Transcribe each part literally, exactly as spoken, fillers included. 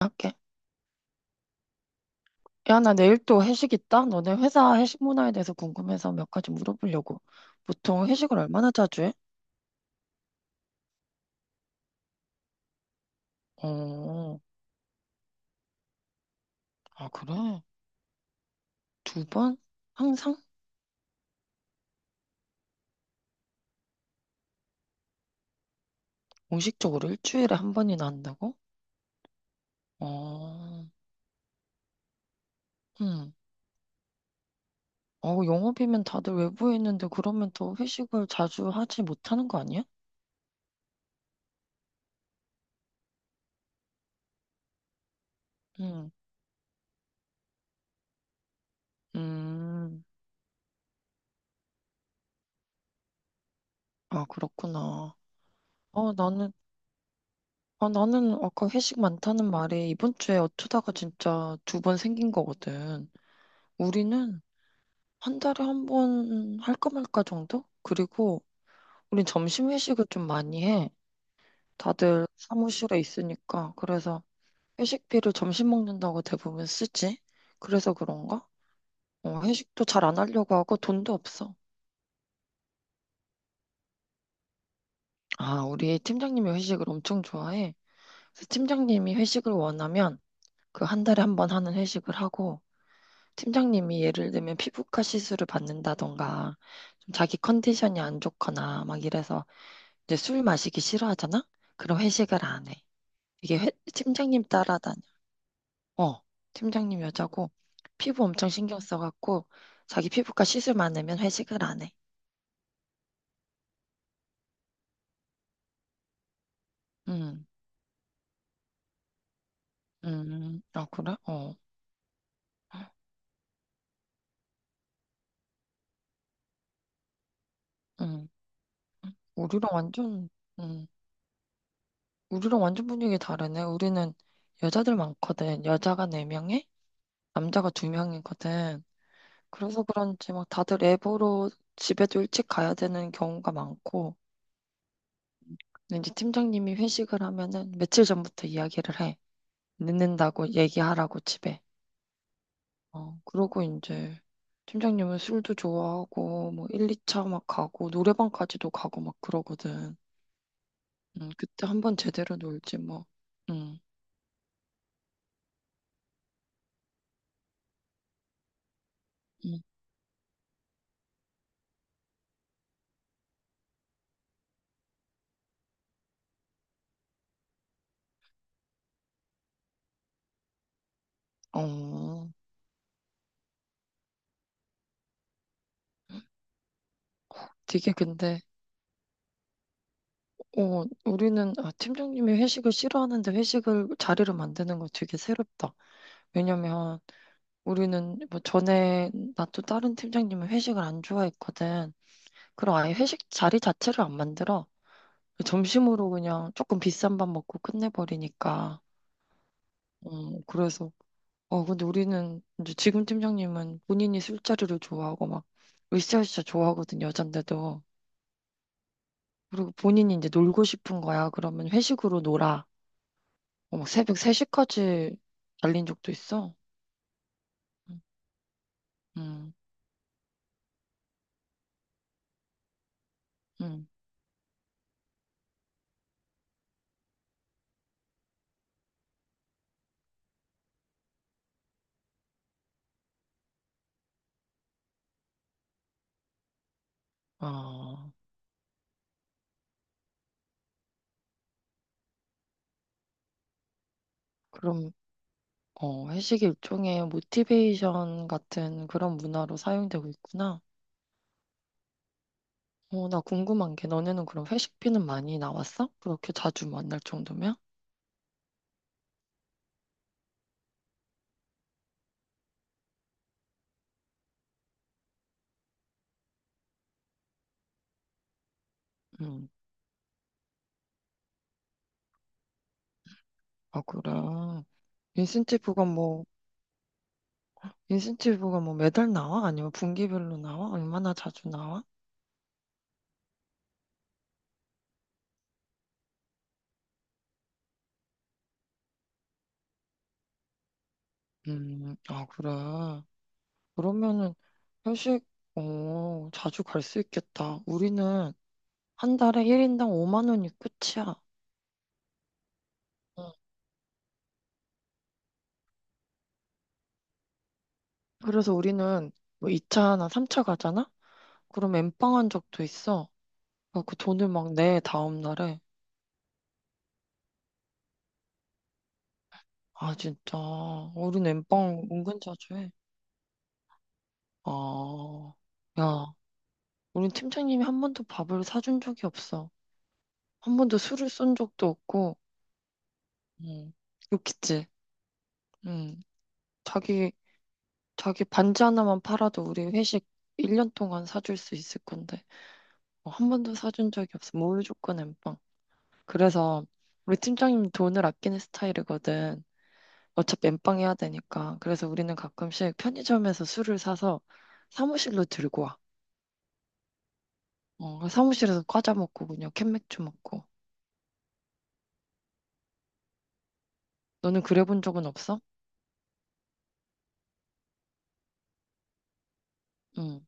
할게. 야, 나 내일 또 회식 있다. 너네 회사 회식 문화에 대해서 궁금해서 몇 가지 물어보려고. 보통 회식을 얼마나 자주 해? 어, 아, 그래? 두 번? 항상? 공식적으로 일주일에 한 번이나 한다고? 어, 음. 어, 영업이면 다들 외부에 있는데 그러면 더 회식을 자주 하지 못하는 거 아니야? 음, 음. 아, 그렇구나. 어, 나는, 아, 나는 아까 회식 많다는 말에 이번 주에 어쩌다가 진짜 두 번 생긴 거거든. 우리는 한 달에 한 번 할까 말까 정도? 그리고 우린 점심 회식을 좀 많이 해. 다들 사무실에 있으니까. 그래서 회식비를 점심 먹는다고 대부분 쓰지. 그래서 그런가? 어, 회식도 잘 안 하려고 하고 돈도 없어. 아, 우리 팀장님이 회식을 엄청 좋아해. 그래서 팀장님이 회식을 원하면 그 한 달에 한 번 하는 회식을 하고 팀장님이 예를 들면 피부과 시술을 받는다던가 좀 자기 컨디션이 안 좋거나 막 이래서 이제 술 마시기 싫어하잖아? 그럼 회식을 안 해. 이게 회, 팀장님 따라다녀. 어, 팀장님 여자고 피부 엄청 신경 써갖고 자기 피부과 시술 많으면 회식을 안 해. 음, 음, 아 그래? 어, 음, 우리랑 완전, 음, 우리랑 완전 분위기 다르네. 우리는 여자들 많거든. 여자가 네 명에 남자가 두 명이거든. 그래서 그런지 막 다들 애보로 집에도 일찍 가야 되는 경우가 많고. 근데 이제 팀장님이 회식을 하면은 며칠 전부터 이야기를 해. 늦는다고 얘기하라고 집에. 어, 그러고 이제 팀장님은 술도 좋아하고 뭐 일, 이 차 막 가고 노래방까지도 가고 막 그러거든. 음, 그때 한 번 제대로 놀지 뭐. 음, 음. 어, 되게 근데 어, 우리는 아, 팀장님이 회식을 싫어하는데 회식을 자리를 만드는 거 되게 새롭다. 왜냐면 우리는 뭐 전에 나 또 다른 팀장님은 회식을 안 좋아했거든. 그럼 아예 회식 자리 자체를 안 만들어. 점심으로 그냥 조금 비싼 밥 먹고 끝내버리니까. 음, 그래서, 어, 근데 우리는, 이제 지금 팀장님은 본인이 술자리를 좋아하고 막, 으쌰으쌰 좋아하거든, 여잔데도. 그리고 본인이 이제 놀고 싶은 거야. 그러면 회식으로 놀아. 어, 막 새벽 세 시까지 달린 적도 있어. 음, 음. 아, 그럼, 어, 회식이 일종의 모티베이션 같은 그런 문화로 사용되고 있구나. 어, 나 궁금한 게 너네는 그럼 회식비는 많이 나왔어? 그렇게 자주 만날 정도면? 음, 아, 그래. 인센티브가 뭐, 인센티브가 뭐 매달 나와? 아니면 분기별로 나와? 얼마나 자주 나와? 음, 아, 그래. 그러면은 회식, 어, 자주 갈 수 있겠다. 우리는 한 달에 일 인당 오만 원이 끝이야. 응. 그래서 우리는 뭐 이 차나 삼 차 가잖아? 그럼 엠빵한 적도 있어. 아, 그 돈을 막 내, 다음 날에. 아, 진짜. 우린 엠빵 은근 자주 해. 아, 야, 우린 팀장님이 한 번도 밥을 사준 적이 없어. 한 번도 술을 쏜 적도 없고, 응, 욕했지. 응, 자기, 자기 반지 하나만 팔아도 우리 회식 일 년 동안 사줄 수 있을 건데, 어, 한 번도 사준 적이 없어. 무조건 엠빵. 그래서 우리 팀장님 돈을 아끼는 스타일이거든. 어차피 엠빵 해야 되니까. 그래서 우리는 가끔씩 편의점에서 술을 사서 사무실로 들고 와. 어, 사무실에서 과자 먹고 그냥 캔맥주 먹고. 너는 그래 본 적은 없어? 응.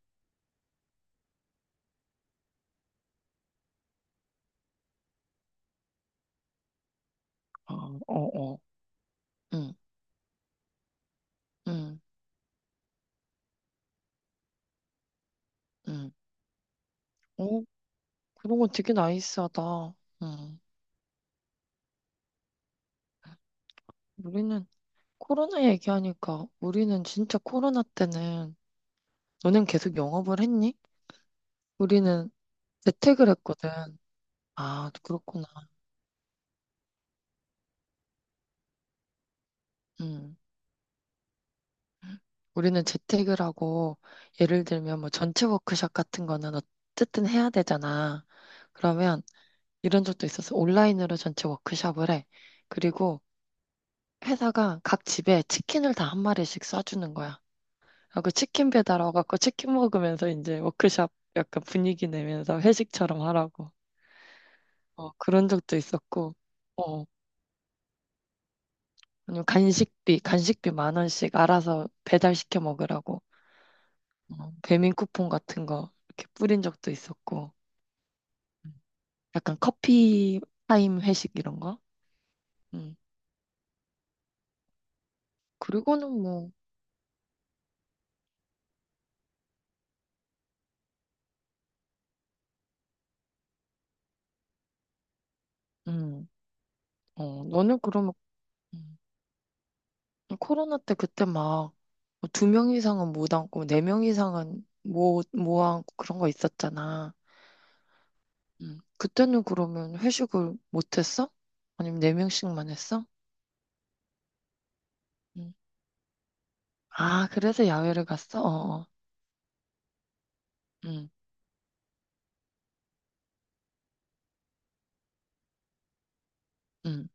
어, 어, 어. 응, 응, 응. 어, 그런 건 되게 나이스하다. 응. 우리는 코로나 얘기하니까 우리는 진짜 코로나 때는 너는 계속 영업을 했니? 우리는 재택을 했거든. 아, 그렇구나. 응. 우리는 재택을 하고 예를 들면 뭐 전체 워크숍 같은 거는 어쨌든 해야 되잖아. 그러면 이런 적도 있었어. 온라인으로 전체 워크숍을 해. 그리고 회사가 각 집에 치킨을 다 한 마리씩 쏴주는 거야. 아, 그 치킨 배달 와갖고 치킨 먹으면서 이제 워크숍 약간 분위기 내면서 회식처럼 하라고. 어, 그런 적도 있었고, 어, 아니면 간식비, 간식비 만 원씩 알아서 배달시켜 먹으라고. 어, 배민 쿠폰 같은 거 이렇게 뿌린 적도 있었고, 음. 약간 커피 타임 회식 이런 거. 음. 그리고는 뭐, 음, 어, 너는 그러면 음, 코로나 때 그때 막 뭐 두명 이상은 못 앉고 네 명 이상은 못, 못 앉고 그런 거 있었잖아. 음. 그때는 그러면 회식을 못 했어? 아니면 네 명씩만 했어? 음. 아, 그래서 야외를 갔어? 어, 어. 음, 음.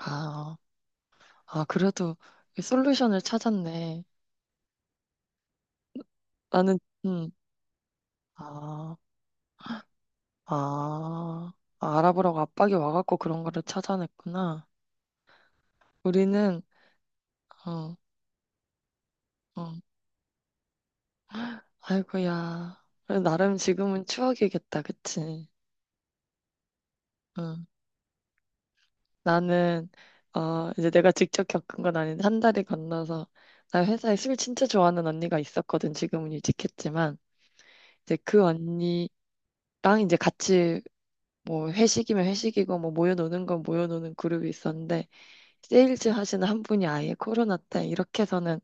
아, 아, 그래도 솔루션을 찾았네. 나는, 음, 아, 아, 아, 알아보라고 압박이 와갖고 그런 거를 찾아냈구나. 우리는, 어, 어. 아이고야. 그래도 나름 지금은 추억이겠다, 그치? 응. 나는, 어, 이제 내가 직접 겪은 건 아닌데, 한 달이 건너서, 나 회사에 술 진짜 좋아하는 언니가 있었거든. 지금은 일찍했지만, 이제 그 언니랑 이제 같이 뭐 회식이면 회식이고, 뭐 모여노는 건 모여노는 그룹이 있었는데, 세일즈 하시는 한 분이 아예 코로나 때 이렇게 해서는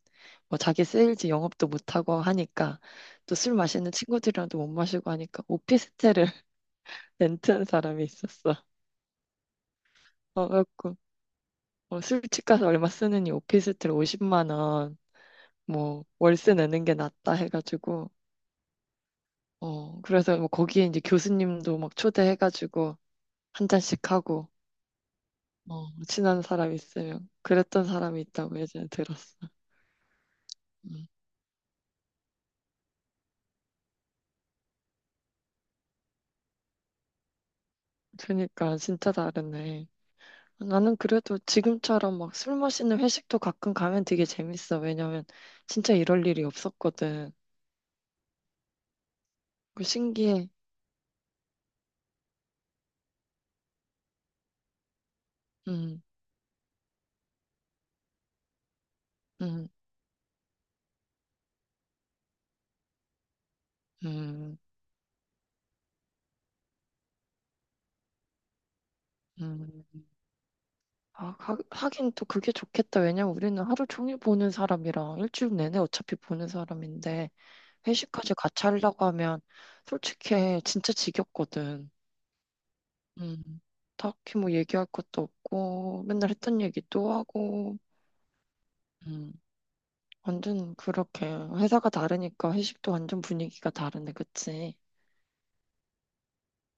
뭐 자기 세일즈 영업도 못하고 하니까, 또 술 마시는 친구들이랑도 못 마시고 하니까 오피스텔을 렌트한 사람이 있었어. 어, 그래갖고 어, 술집 가서 얼마 쓰느니 오피스텔 오십만 원, 뭐 월세 내는 게 낫다 해가지고 어 그래서 뭐 거기에 이제 교수님도 막 초대해가지고 한 잔씩 하고 어 친한 사람 있으면 그랬던 사람이 있다고 예전에 들었어. 음. 그러니까 진짜 다르네. 나는 그래도 지금처럼 막 술 마시는 회식도 가끔 가면 되게 재밌어. 왜냐면 진짜 이럴 일이 없었거든. 그 신기해. 음, 음, 음. 음, 아, 하, 하긴 또 그게 좋겠다. 왜냐면 우리는 하루 종일 보는 사람이랑 일주일 내내 어차피 보는 사람인데 회식까지 같이 하려고 하면 솔직히 진짜 지겹거든. 음, 딱히 뭐 얘기할 것도 없고 맨날 했던 얘기 또 하고. 음, 완전 그렇게 회사가 다르니까 회식도 완전 분위기가 다르네, 그치?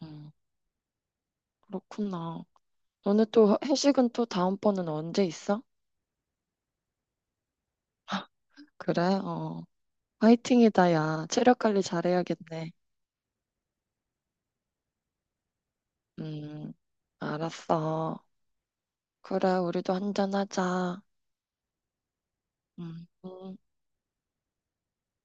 음, 그렇구나. 너네 또 회식은 또 다음번은 언제 있어? 그래? 어. 화이팅이다, 야. 체력 관리 잘해야겠네. 음, 알았어. 그래, 우리도 한잔하자. 음. 음.